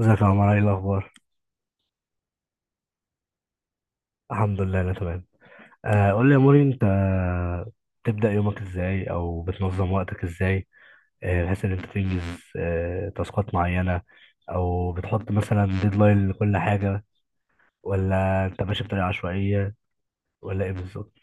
ازيك يا عمر؟ ايه الاخبار؟ الحمد لله انا تمام. قول لي يا موري، انت بتبدا يومك ازاي او بتنظم وقتك ازاي؟ بحيث ان انت تنجز تاسكات معينه، او بتحط مثلا ديدلاين لكل حاجه، ولا انت ماشي بطريقه عشوائيه، ولا ايه بالظبط؟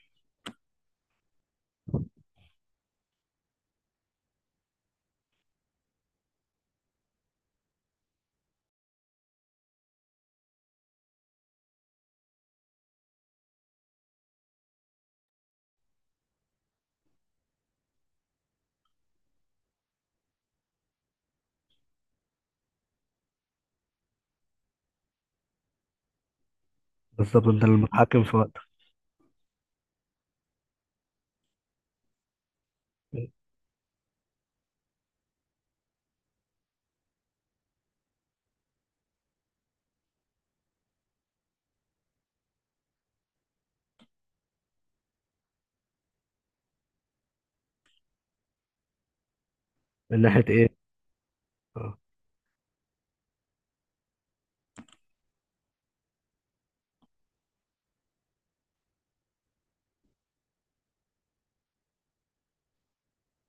بالظبط، انت المتحكم في وقتك. من ناحيه ايه؟ آه،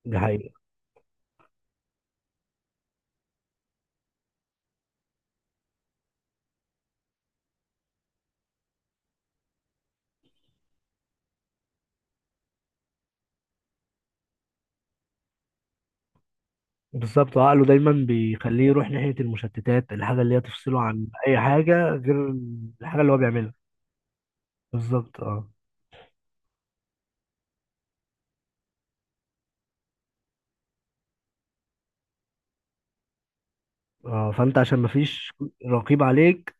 دي حقيقة. بالظبط، عقله دايما بيخليه يروح ناحية المشتتات، الحاجة اللي هي تفصله عن أي حاجة غير الحاجة اللي هو بيعملها. بالظبط، اه. اه، فانت عشان مفيش رقيب عليك.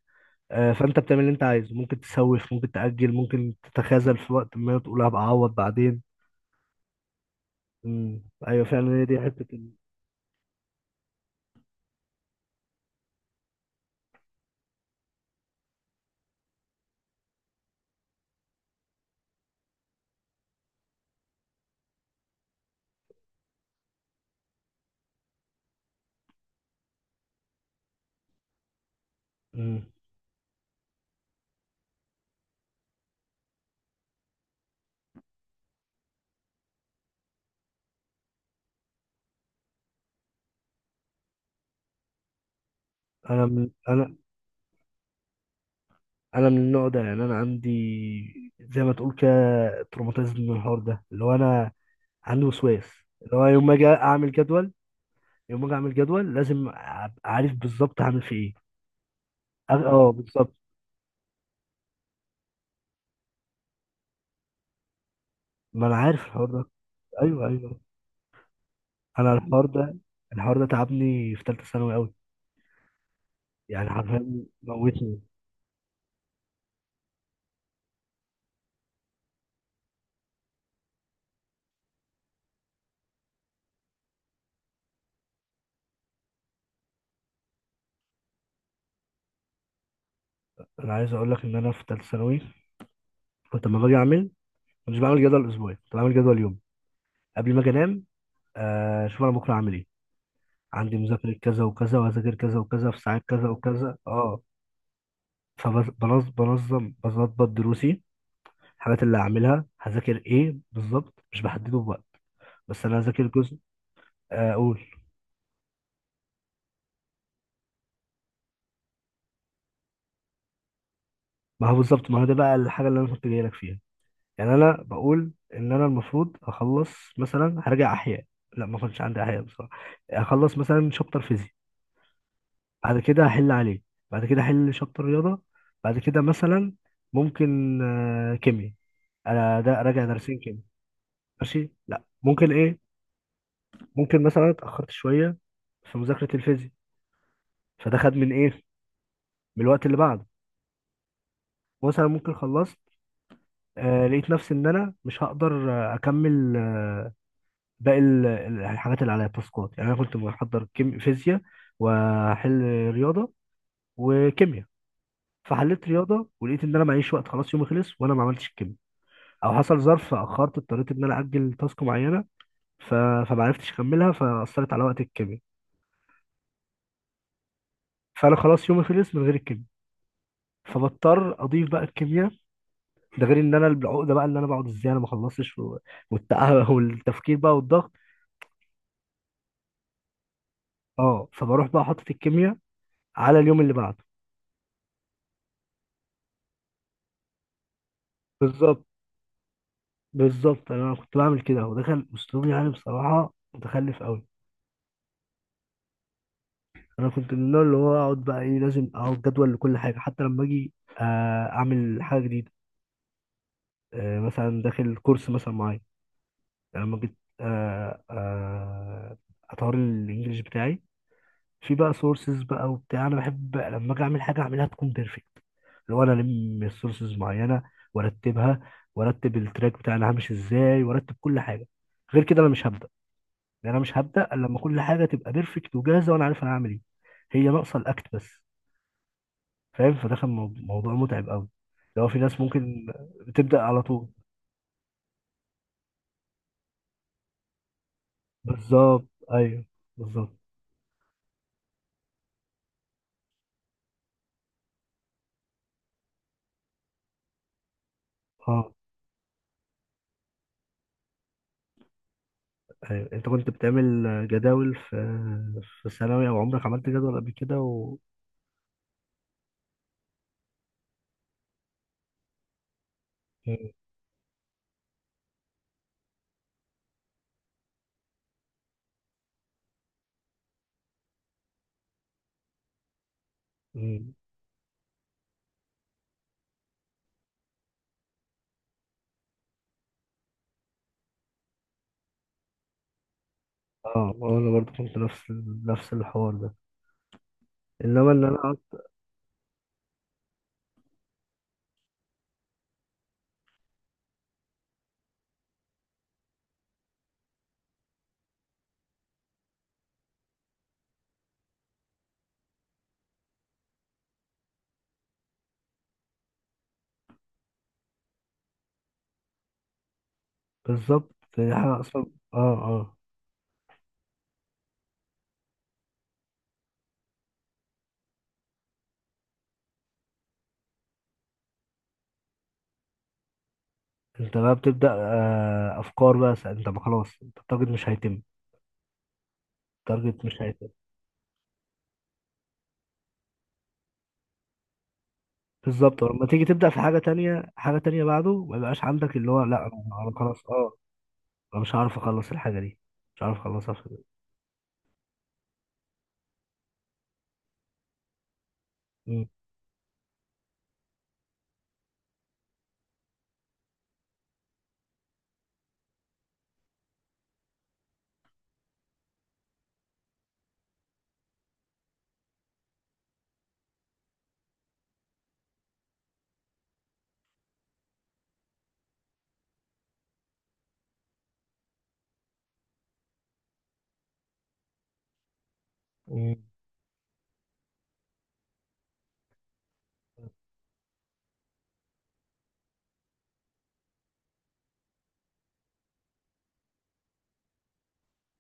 فانت بتعمل اللي انت عايزه، ممكن تسوف، ممكن تأجل، ممكن تتخاذل في وقت، ما تقول هبقى اعوض بعدين. امم ايوه فعلا، هي دي حتة امم انا من انا انا من النوع ده. يعني انا عندي، زي ما تقول كده، تروماتيزم من الحوار ده، اللي هو انا عندي وسواس، اللي هو يوم ما اجي اعمل جدول لازم ابقى عارف بالظبط هعمل في ايه. بالظبط. ما انا عارف الحوار ده. ايوه ايوه. انا الحوار ده، الحوار ده تعبني في ثالثه ثانوي قوي، يعني حرفيا موتني. انا عايز اقول لك ان انا في ثالثه ثانوي كنت لما باجي اعمل، مش بعمل جدول اسبوعي، كنت بعمل جدول يوم قبل ما اجي انام. اشوف انا بكره هعمل ايه. عندي مذاكره كذا وكذا، وهذاكر كذا وكذا في ساعات كذا وكذا. اه، فبنظم بظبط دروسي، الحاجات اللي هعملها هذاكر ايه بالظبط، مش بحدده بوقت، بس انا هذاكر جزء. اقول. ما هو بالظبط، ما هو ده بقى الحاجه اللي انا كنت جاي لك فيها. يعني انا بقول ان انا المفروض اخلص، مثلا هرجع احياء، لا ما كنتش عندي احياء بصراحه. اخلص مثلا شابتر فيزياء، بعد كده هحل عليه، بعد كده احل شابتر رياضه، بعد كده مثلا ممكن كيمياء، انا ده راجع درسين كيمياء. ماشي، لا ممكن ايه، ممكن مثلا اتاخرت شويه في مذاكره الفيزياء، فده خد من ايه، من الوقت اللي بعده. مثلا ممكن خلصت، لقيت نفسي ان انا مش هقدر اكمل باقي الحاجات اللي عليها التاسكات. يعني انا كنت بحضر كيم فيزياء، واحل رياضه، وكيمياء، فحليت رياضه ولقيت ان انا معيش وقت، خلاص يومي خلص وانا ما عملتش الكيمياء. او حصل ظرف فاخرت، اضطريت ان انا اجل تاسك معينه، ف... فما عرفتش اكملها، فاثرت على وقت الكيمياء. فانا خلاص يومي خلص من غير الكيمياء، فبضطر اضيف بقى الكيمياء. ده غير ان انا العقده بقى، اللي انا بقعد ازاي انا ما خلصتش، والتفكير بقى والضغط. اه، فبروح بقى حاطط الكيمياء على اليوم اللي بعده. بالظبط. بالظبط، انا كنت بعمل كده، هو دخل اسلوب يعني بصراحه متخلف قوي. انا كنت من النوع اللي هو اقعد بقى ايه، لازم اقعد جدول لكل حاجه، حتى لما اجي اعمل حاجه جديده، مثلا داخل كورس مثلا معايا. يعني لما جيت اطور الانجليش بتاعي، في بقى سورسز بقى وبتاع، انا بحب لما اجي اعمل حاجه اعملها تكون بيرفكت، اللي هو انا الم السورسز معينه، وارتبها، وارتب التراك بتاعنا همشي ازاي، وارتب كل حاجه، غير كده انا مش هبدع. يعني انا مش هبدا الا لما كل حاجه تبقى بيرفكت وجاهزه وانا عارف انا هعمل ايه، هي ناقصه الاكت بس. فاهم؟ فده كان موضوع متعب قوي. لو في ناس ممكن بتبدا على طول. بالظبط. ايوه، بالظبط. اه، ايوه. انت كنت بتعمل جداول في ثانوي، او عمرك عملت جدول قبل كده؟ و، مم. مم. اه، انا برضو كنت نفس نفس الحوار ده، انما ان انا أقعد-. بالظبط، دي حاجه اصلا. اه، اه. انت بقى بتبدا افكار بقى، انت ما خلاص، انت التارجت مش هيتم، التارجت مش هيفرق. بالظبط، ولما تيجي تبدأ في حاجة تانية، حاجة تانية بعده ما يبقاش عندك اللي هو لا، أنا خلاص، أه، أنا مش هعرف أخلص الحاجة دي، مش هعرف أخلصها في ده. مم. مم.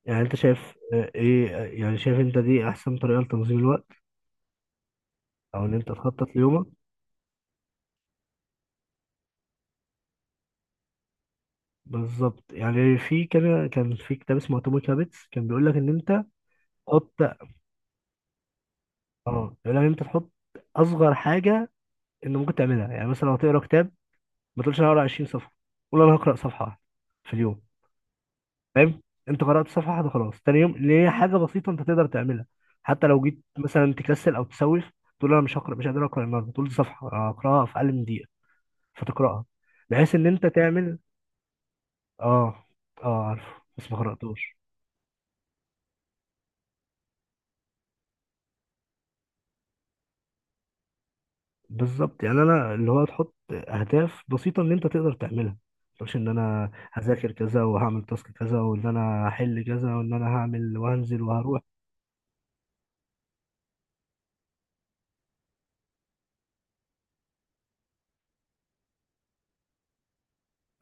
يعني أنت شايف إيه، يعني شايف أنت دي أحسن طريقة لتنظيم الوقت، أو إن أنت تخطط ليومك؟ بالظبط. يعني في كان في كتاب اسمه اتوميك هابتس، كان بيقول لك ان انت تحط، اه، بيقول لك ان انت تحط اصغر حاجه انت ممكن تعملها. يعني مثلا لو هتقرا كتاب، ما تقولش انا هقرا 20 صفحه، قول انا هقرا صفحه واحدة في اليوم. فاهم؟ انت قرأت صفحة واحدة خلاص، تاني يوم اللي هي حاجة بسيطة انت تقدر تعملها، حتى لو جيت مثلا تكسل او تسوف، تقول انا مش هقرأ، مش قادر اقرأ النهارده، تقول دي صفحة اقرأها في اقل من دقيقة، فتقرأها، بحيث ان انت تعمل. اه. اه، عارف، بس ما قرأتوش. بالظبط. يعني انا اللي هو تحط اهداف بسيطة ان انت تقدر تعملها، مش ان انا هذاكر كذا، وهعمل تاسك كذا، وان انا هحل كذا، وان انا هعمل وهنزل وهروح.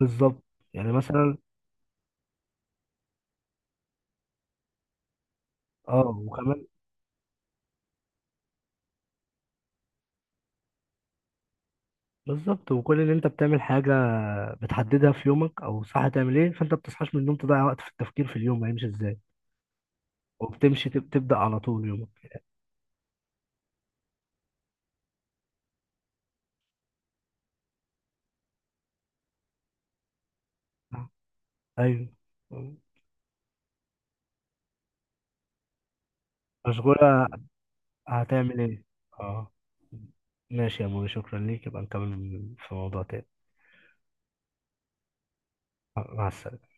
بالظبط. يعني مثلا، اه، وكمان بالظبط، وكل اللي انت بتعمل حاجة بتحددها في يومك او صح تعمل ايه، فانت بتصحاش من النوم تضيع وقت في التفكير في اليوم هيمشي ازاي، وبتمشي تبدأ على طول يومك. ايوه، مشغولة، هتعمل ايه. اه. ماشي يا موري، شكرا ليك، يبقى نكمل في موضوع تاني. مع السلامة.